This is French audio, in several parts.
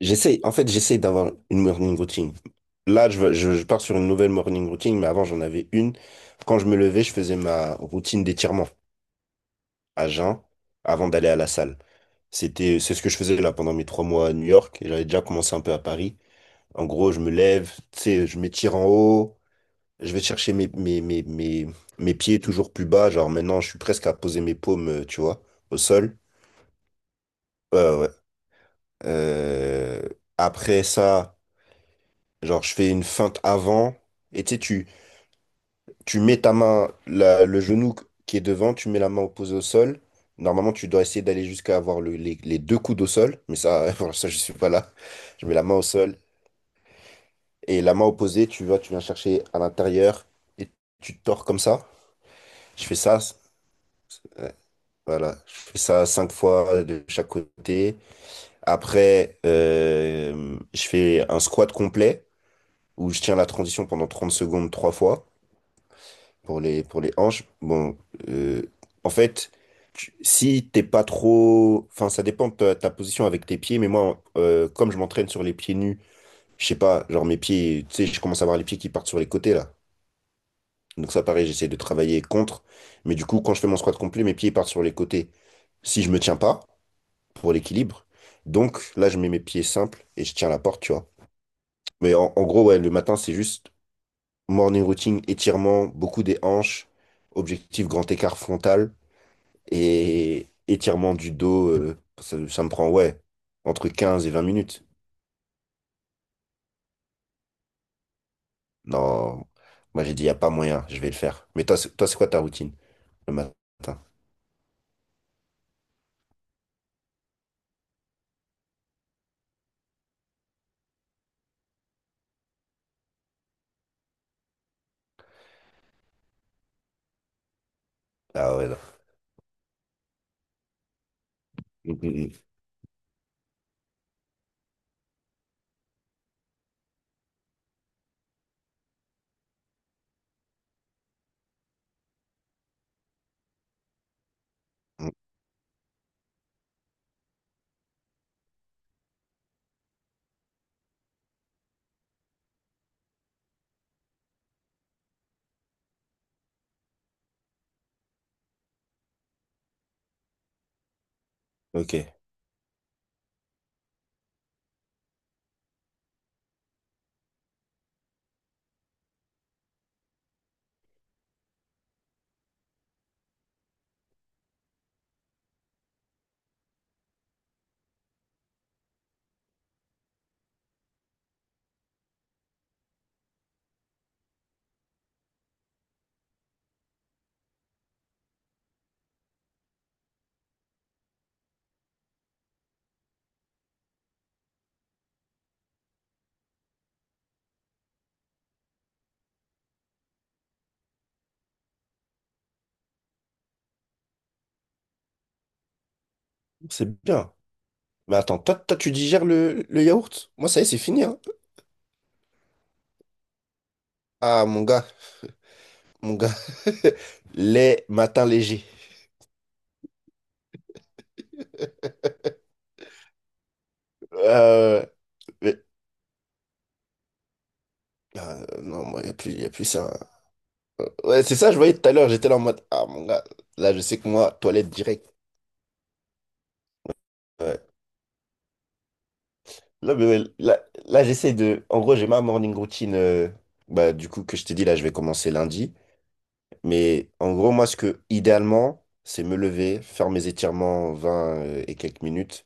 En fait, j'essaie d'avoir une morning routine. Là, je pars sur une nouvelle morning routine, mais avant, j'en avais une. Quand je me levais, je faisais ma routine d'étirement à jeun avant d'aller à la salle. C'était, c'est ce que je faisais là pendant mes 3 mois à New York et j'avais déjà commencé un peu à Paris. En gros, je me lève, tu sais, je m'étire en haut, je vais chercher mes pieds toujours plus bas. Genre maintenant, je suis presque à poser mes paumes, tu vois, au sol. Ouais, ouais, ouais. Euh, Après ça. Genre, je fais une feinte avant, et tu sais, tu mets ta main, le genou qui est devant, tu mets la main opposée au sol. Normalement, tu dois essayer d'aller jusqu'à avoir les deux coudes au sol, mais ça, pour ça, je suis pas là. Je mets la main au sol, et la main opposée, tu vois, tu viens chercher à l'intérieur, et tu te tords comme ça. Je fais ça, euh, voilà, je fais ça cinq fois de chaque côté. Après, je fais un squat complet, où je tiens la transition pendant 30 secondes trois fois. Pour les hanches, bon, euh, en fait, si t'es pas trop. Enfin, ça dépend de ta position avec tes pieds, mais moi, comme je m'entraîne sur les pieds nus, je sais pas, genre mes pieds, tu sais, je commence à avoir les pieds qui partent sur les côtés là. Donc ça, pareil, j'essaie de travailler contre. Mais du coup, quand je fais mon squat complet, mes pieds partent sur les côtés. Si je me tiens pas, pour l'équilibre. Donc là, je mets mes pieds simples et je tiens la porte, tu vois. Mais en gros, ouais, le matin, c'est juste morning routine, étirement, beaucoup des hanches, objectif grand écart frontal, et étirement du dos, ça, ça me prend, ouais, entre 15 et 20 minutes. Non, moi j'ai dit, il n'y a pas moyen, je vais le faire. Mais toi, toi, c'est quoi ta routine le matin? Ah ouais, non. Mm, mm, mm, mm. Ok, c'est bien. Mais attends, toi, tu digères le yaourt? Moi, ça y est, c'est fini, hein. Ah, mon gars, mon gars. Les matins légers. Euh, mais- ah, non, moi, il n'y a plus, y a plus ça. Ouais, c'est ça, je voyais tout à l'heure, j'étais là en mode, ah, mon gars, là, je sais que moi, toilette directe. Là, mais ouais, là, j'essaie de. En gros, j'ai ma morning routine. Bah, du coup, que je t'ai dit, là, je vais commencer lundi. Mais en gros, moi, ce que idéalement, c'est me lever, faire mes étirements 20 et quelques minutes,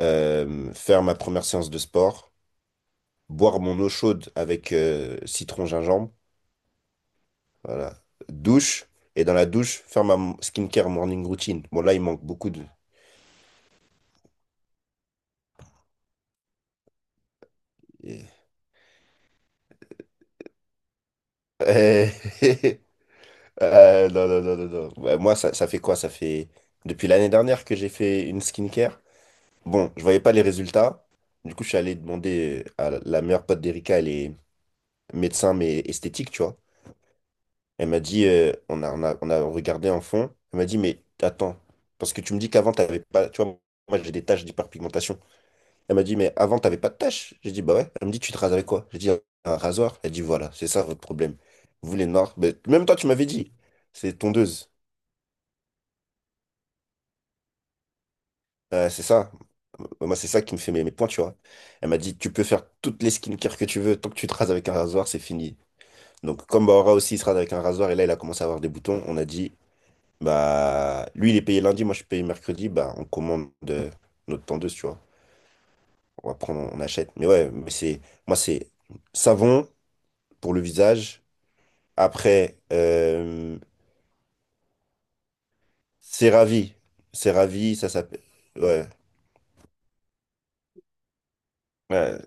faire ma première séance de sport, boire mon eau chaude avec citron gingembre. Voilà. Douche. Et dans la douche, faire ma skincare morning routine. Bon, là, il manque beaucoup de. Euh, non, non, non, non, non. Ouais, moi, ça fait quoi? Ça fait depuis l'année dernière que j'ai fait une skincare. Bon, je voyais pas les résultats. Du coup, je suis allé demander à la meilleure pote d'Erika, elle est médecin, mais esthétique, tu vois. Elle m'a dit, on a regardé en fond. Elle m'a dit, mais attends, parce que tu me dis qu'avant, t'avais pas, tu vois, moi, j'ai des taches d'hyperpigmentation. Elle m'a dit, mais avant, t'avais pas de taches. J'ai dit, bah ouais. Elle me dit, tu te rases avec quoi? J'ai dit, un rasoir. Elle dit, voilà, c'est ça votre problème. Vous, les noirs, mais même toi, tu m'avais dit, c'est tondeuse. Ouais, c'est ça. Moi, c'est ça qui me fait mes points, tu vois. Elle m'a dit, tu peux faire toutes les skincare que tu veux, tant que tu te rases avec un rasoir, c'est fini. Donc, comme Bahora aussi, il se rase avec un rasoir, et là, il a commencé à avoir des boutons, on a dit, bah, lui, il est payé lundi, moi, je suis payé mercredi, bah, on commande notre tendeuse, tu vois. On va prendre, on achète. Mais ouais, mais c'est, moi, c'est savon pour le visage. Après, c'est ravi. C'est ravi, ça s'appelle. Ouais. Ouais.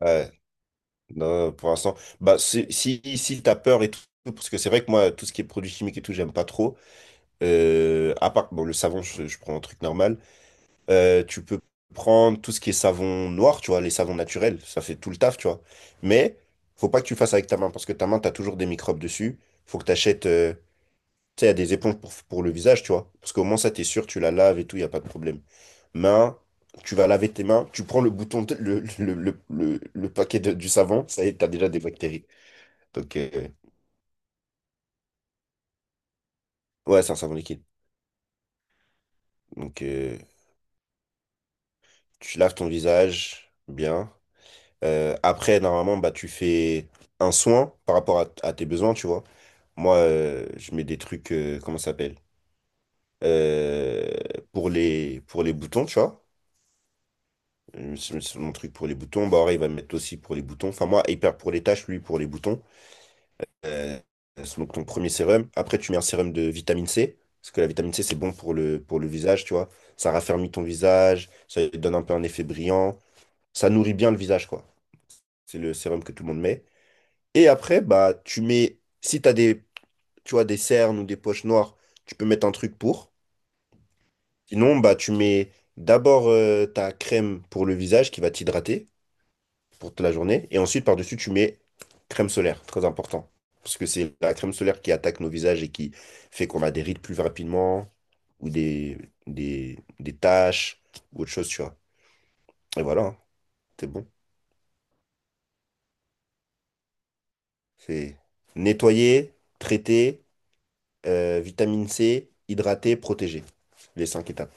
Ouais. Non, pour l'instant, bah, si, si t'as peur et tout, parce que c'est vrai que moi, tout ce qui est produits chimiques et tout, j'aime pas trop. À part, bon, le savon, je prends un truc normal. Tu peux prendre tout ce qui est savon noir, tu vois, les savons naturels, ça fait tout le taf, tu vois. Mais, faut pas que tu le fasses avec ta main, parce que ta main, t'as toujours des microbes dessus. Faut que t'achètes, tu sais, il y a des éponges pour le visage, tu vois. Parce qu'au moins, ça, t'es sûr, tu la laves et tout, il y a pas de problème. Main, tu vas laver tes mains, tu prends le bouton, le paquet du savon, ça y est, t'as déjà des bactéries. Donc, ouais, c'est un savon liquide. Donc, tu laves ton visage bien. Après, normalement, bah, tu fais un soin par rapport à tes besoins, tu vois. Moi, je mets des trucs, comment ça s'appelle? Euh, pour les boutons, tu vois. C'est mon truc pour les boutons. Bah, il va me mettre aussi pour les boutons. Enfin, moi, hyper pour les taches, lui, pour les boutons. euh, c'est donc ton premier sérum. Après, tu mets un sérum de vitamine C, parce que la vitamine C, c'est bon pour le visage, tu vois. Ça raffermit ton visage, ça donne un peu un effet brillant, ça nourrit bien le visage, quoi. C'est le sérum que tout le monde met. Et après, bah, tu mets, si tu as tu vois, des cernes ou des poches noires, tu peux mettre un truc pour. Sinon, bah, tu mets d'abord ta crème pour le visage qui va t'hydrater pour toute la journée. Et ensuite, par-dessus, tu mets crème solaire, très important. Parce que c'est la crème solaire qui attaque nos visages et qui fait qu'on a des rides plus rapidement ou des taches ou autre chose, tu vois. Et voilà, hein, c'est bon. C'est nettoyer, traiter, vitamine C, hydrater, protéger. Les cinq étapes.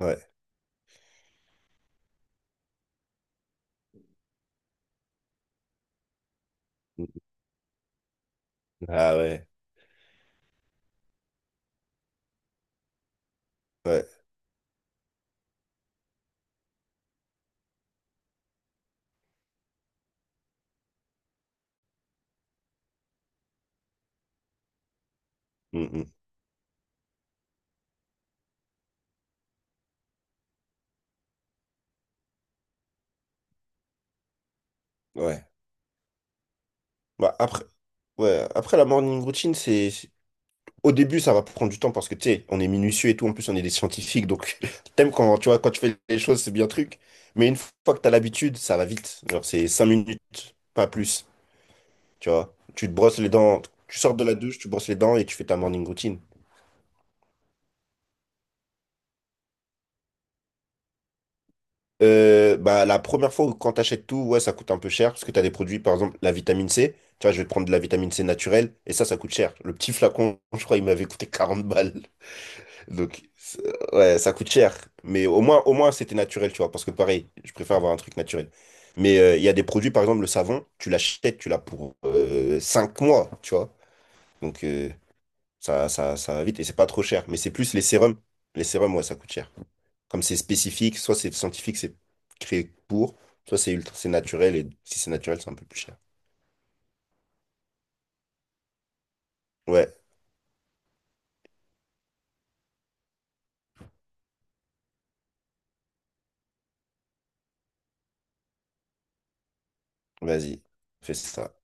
Ouais. Mm, mm. Ah ouais. Ouais. Mm, mm. Ouais. Bah, après, ouais. Après la morning routine, c'est au début, ça va prendre du temps parce que, tu sais, on est minutieux et tout. En plus, on est des scientifiques. Donc, t'aimes tu vois, quand tu fais les choses, c'est bien truc. Mais une fois que t'as l'habitude, ça va vite. Genre, c'est 5 minutes, pas plus. Tu vois, tu te brosses les dents, tu sors de la douche, tu brosses les dents et tu fais ta morning routine. Bah, la première fois où quand t'achètes tout, ouais, ça coûte un peu cher parce que t'as des produits, par exemple, la vitamine C. Tu vois, je vais te prendre de la vitamine C naturelle et ça coûte cher. Le petit flacon, je crois, il m'avait coûté 40 balles. Donc, ouais, ça coûte cher. Mais au moins c'était naturel, tu vois. Parce que pareil, je préfère avoir un truc naturel. Mais il y a des produits, par exemple, le savon, tu l'achètes, tu l'as pour 5 mois, tu vois. Donc, ça va vite et c'est pas trop cher. Mais c'est plus les sérums. Les sérums, ouais, ça coûte cher. Comme c'est spécifique, soit c'est scientifique, c'est créé pour, soit c'est ultra, c'est naturel. Et si c'est naturel, c'est un peu plus cher. Ouais, vas-y, fais ça.